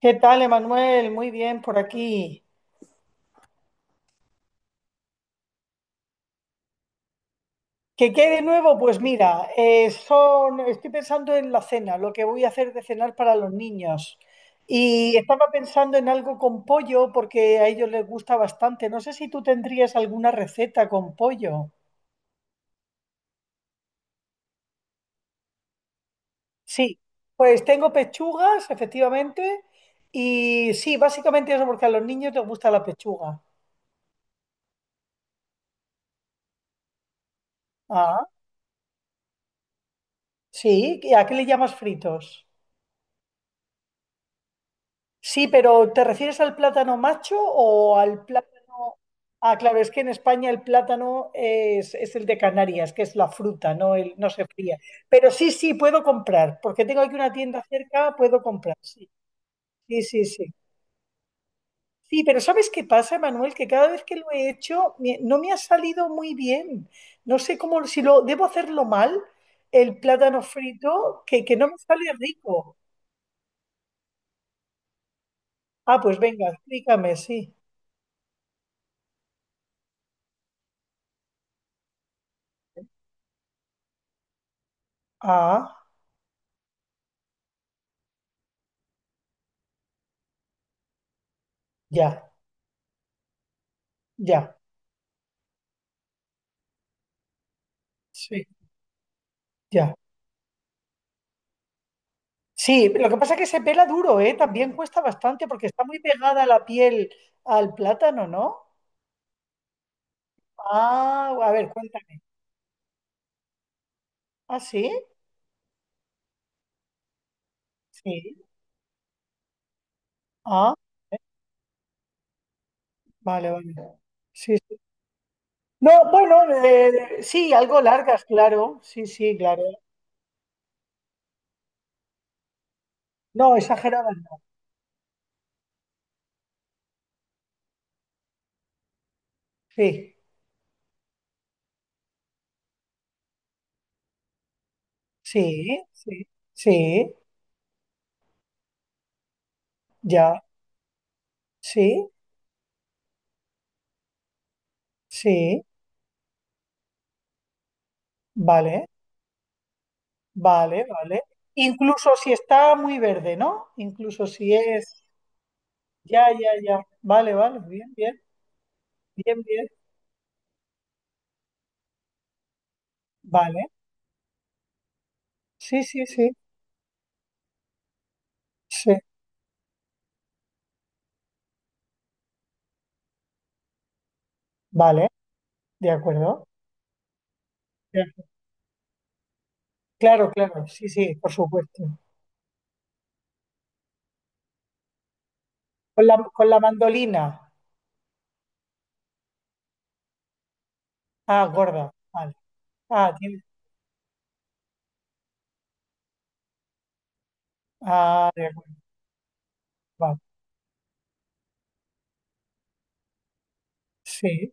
¿Qué tal, Emanuel? Muy bien por aquí. ¿Qué de nuevo? Pues mira, son, estoy pensando en la cena, lo que voy a hacer de cenar para los niños. Y estaba pensando en algo con pollo porque a ellos les gusta bastante. No sé si tú tendrías alguna receta con pollo. Sí, pues tengo pechugas, efectivamente. Y sí, básicamente eso porque a los niños les gusta la pechuga. Ah, sí. ¿Y a qué le llamas fritos? Sí, pero ¿te refieres al plátano macho o al plátano? Ah, claro, es que en España el plátano es el de Canarias, que es la fruta, no, el, no se fría. Pero sí, sí, puedo comprar, porque tengo aquí una tienda cerca, puedo comprar, sí, sí, sí, sí. Sí, pero ¿sabes qué pasa, Manuel? Que cada vez que lo he hecho no me ha salido muy bien. No sé cómo, si lo debo hacerlo mal, el plátano frito, que no me sale rico. Ah, pues venga, explícame, sí. Ah, ya, ya. Sí, ya. Sí, lo que pasa es que se pela duro, ¿eh? También cuesta bastante porque está muy pegada la piel al plátano, ¿no? Ah, a ver, cuéntame. ¿Ah, sí? Sí. Ah, vale, vale. Sí, sí. No, bueno, sí, algo largas, claro. Sí, sí, claro. No, exageradas no. Sí, sí, sí, sí, ya. Sí, sí, vale, vale, vale. Incluso si está muy verde, ¿no? Incluso si es... Ya, ya, ya. Vale, vale. Bien, bien, bien, bien. Vale. Sí, sí, sí, sí. Vale, de acuerdo. Ya. Claro, claro. Sí, sí, por supuesto. Con con la mandolina. Ah, gorda. Vale. Ah, tiene. Ah, de acuerdo. Vale. Sí,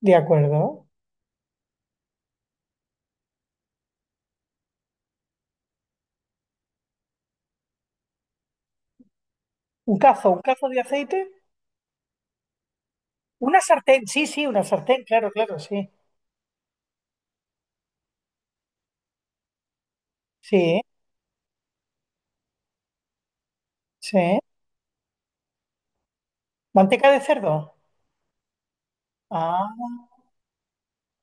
de acuerdo. Un cazo de aceite. Una sartén. Sí, sí, una sartén. Claro, claro, sí. Sí, sí. Manteca de cerdo. Ah,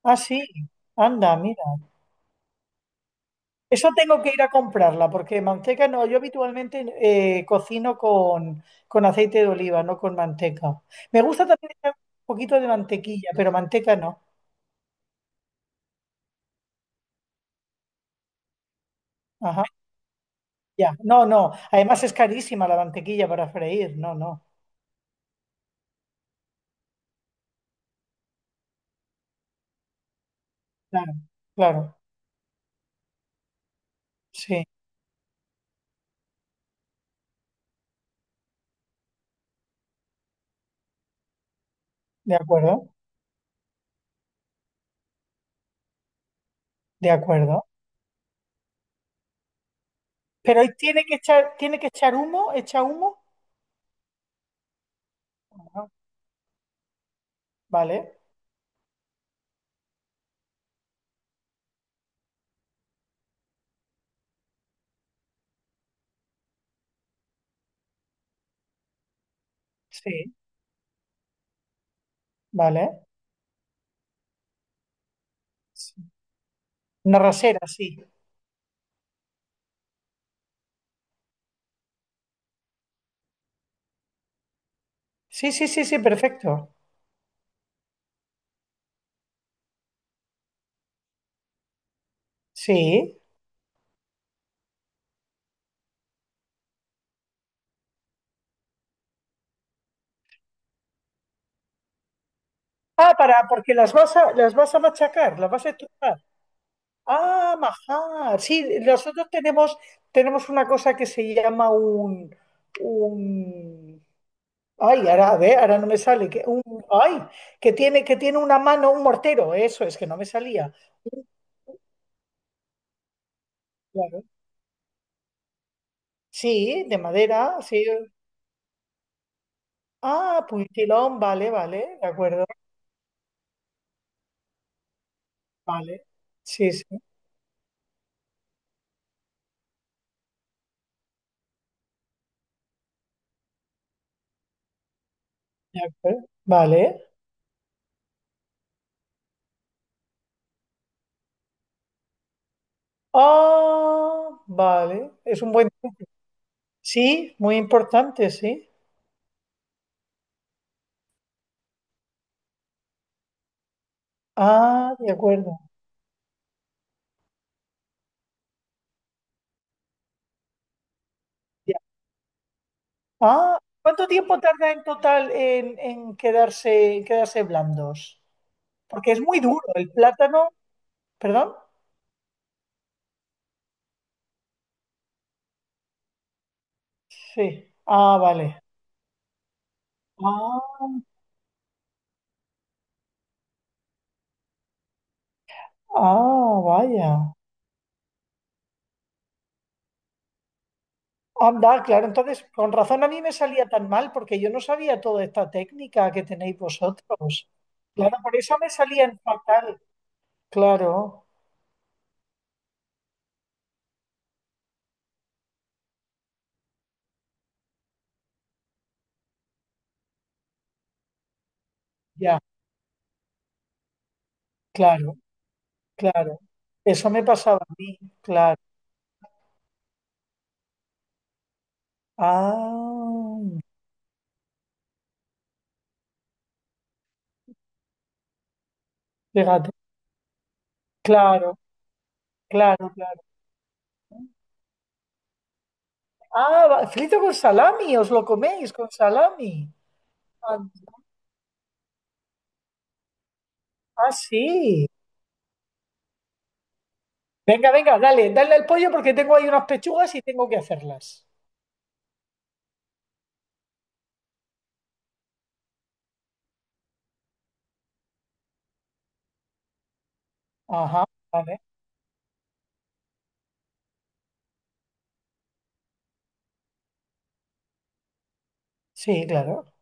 ah, sí. Anda, mira. Eso tengo que ir a comprarla, porque manteca no, yo habitualmente cocino con aceite de oliva, no con manteca. Me gusta también echar un poquito de mantequilla, pero manteca no. Ajá, ya. No, no. Además es carísima la mantequilla para freír. No, no. Claro, claro. Sí, de acuerdo, de acuerdo. Pero ahí tiene que echar humo, echa humo. Ajá, vale, sí, vale. Sí. Una rasera, sí. Sí, sí, sí, sí, perfecto. Sí. Ah, para, porque las vas a machacar, las vas a estrujar. Ah, majar. Sí, nosotros tenemos, tenemos una cosa que se llama un, ay, ahora, a ver, ahora no me sale, que un, ay, que tiene una mano, un mortero, eso es, que no me salía. Claro. Sí, de madera, sí. Ah, puntilón, vale, vale, de acuerdo, vale. Sí, sí, de acuerdo, vale. Ah, vale, es un buen. Sí, muy importante, sí. Ah, de acuerdo. Ya. Ah, ¿cuánto tiempo tarda en total en quedarse blandos? Porque es muy duro el plátano, ¿perdón? Sí. Ah, vale. Ah, ah, vaya. Anda, claro, entonces con razón a mí me salía tan mal porque yo no sabía toda esta técnica que tenéis vosotros. Claro, por eso me salían fatal. Claro, ya, claro, claro. Eso me pasaba a mí, claro. Ah, fíjate, claro, claro, claro. Frito con salami, os lo coméis con salami. Ah, ah, sí. Venga, venga, dale, dale al pollo porque tengo ahí unas pechugas y tengo que hacerlas. Ajá, vale. Sí, claro.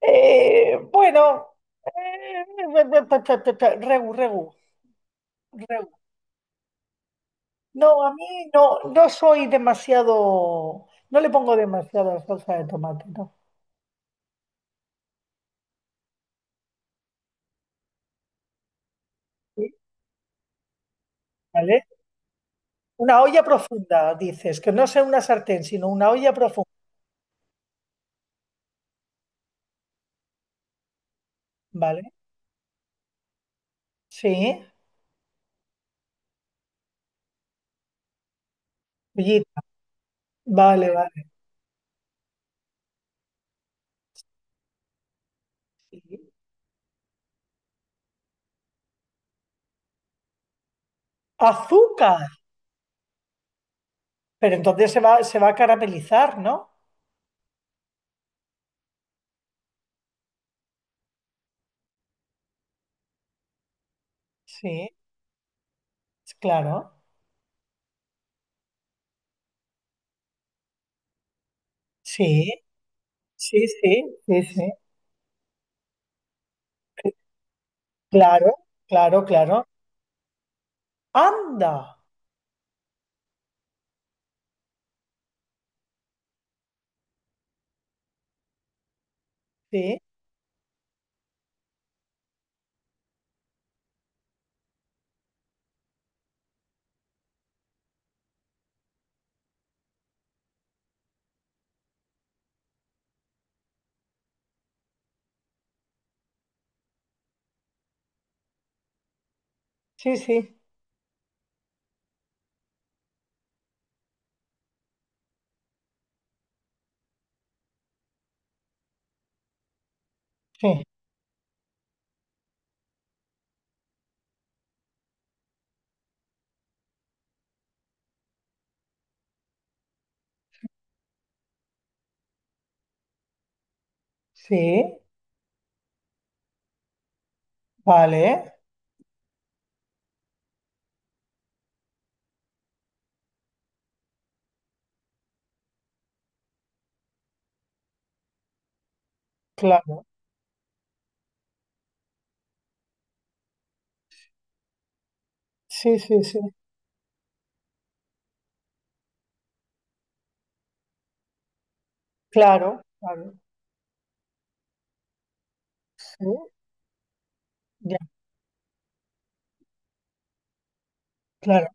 Bueno, eh, regu, regu, regu. No, a mí no, no soy demasiado, no le pongo demasiada salsa de tomate, ¿no? Sí, ¿vale? Una olla profunda, dices, que no sea una sartén, sino una olla profunda, ¿vale? Sí, ollita, vale, vale. Sí. Azúcar, pero entonces se va a caramelizar, ¿no? Sí, claro, sí, sí, sí, sí, sí, claro, claro, claro. Anda, sí, sí, sí, sí, sí, vale, claro, sí, sí, sí, claro, claro, sí, ya, claro,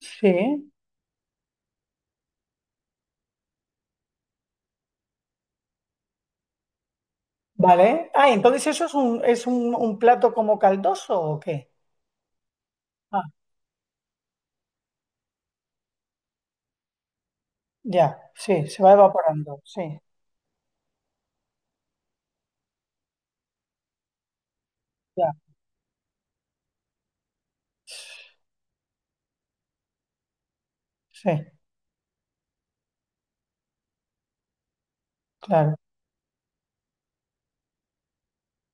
sí, vale. Ah, ¿entonces eso es un plato como caldoso o qué? Ah, ya, sí, se va evaporando, sí, ya, sí, claro.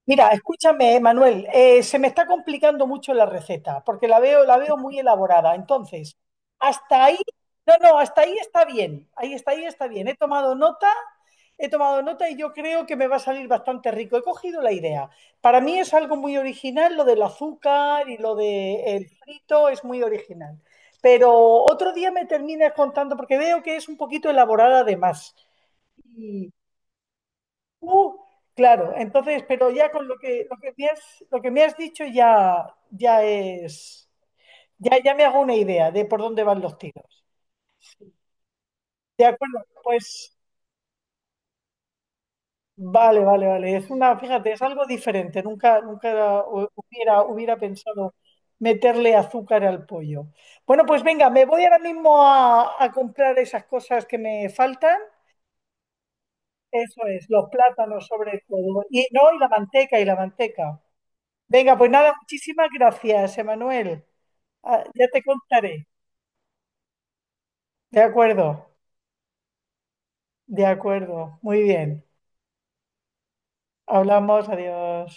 Mira, escúchame, Manuel, se me está complicando mucho la receta, porque la veo muy elaborada. Entonces, hasta ahí, no, no, hasta ahí está bien, ahí está bien. He tomado nota y yo creo que me va a salir bastante rico. He cogido la idea. Para mí es algo muy original, lo del azúcar y lo del frito es muy original. Pero otro día me terminas contando, porque veo que es un poquito elaborada además. Uh, claro, entonces, pero ya con lo que me has, lo que me has dicho ya, ya es, ya, ya me hago una idea de por dónde van los tiros. De acuerdo, pues vale, vale, vale. Es una, fíjate, es algo diferente. Nunca, hubiera, hubiera pensado meterle azúcar al pollo. Bueno, pues venga, me voy ahora mismo a comprar esas cosas que me faltan. Eso es, los plátanos sobre todo. Y no, y la manteca, y la manteca. Venga, pues nada, muchísimas gracias, Emanuel. Ah, ya te contaré. De acuerdo, de acuerdo. Muy bien. Hablamos, adiós.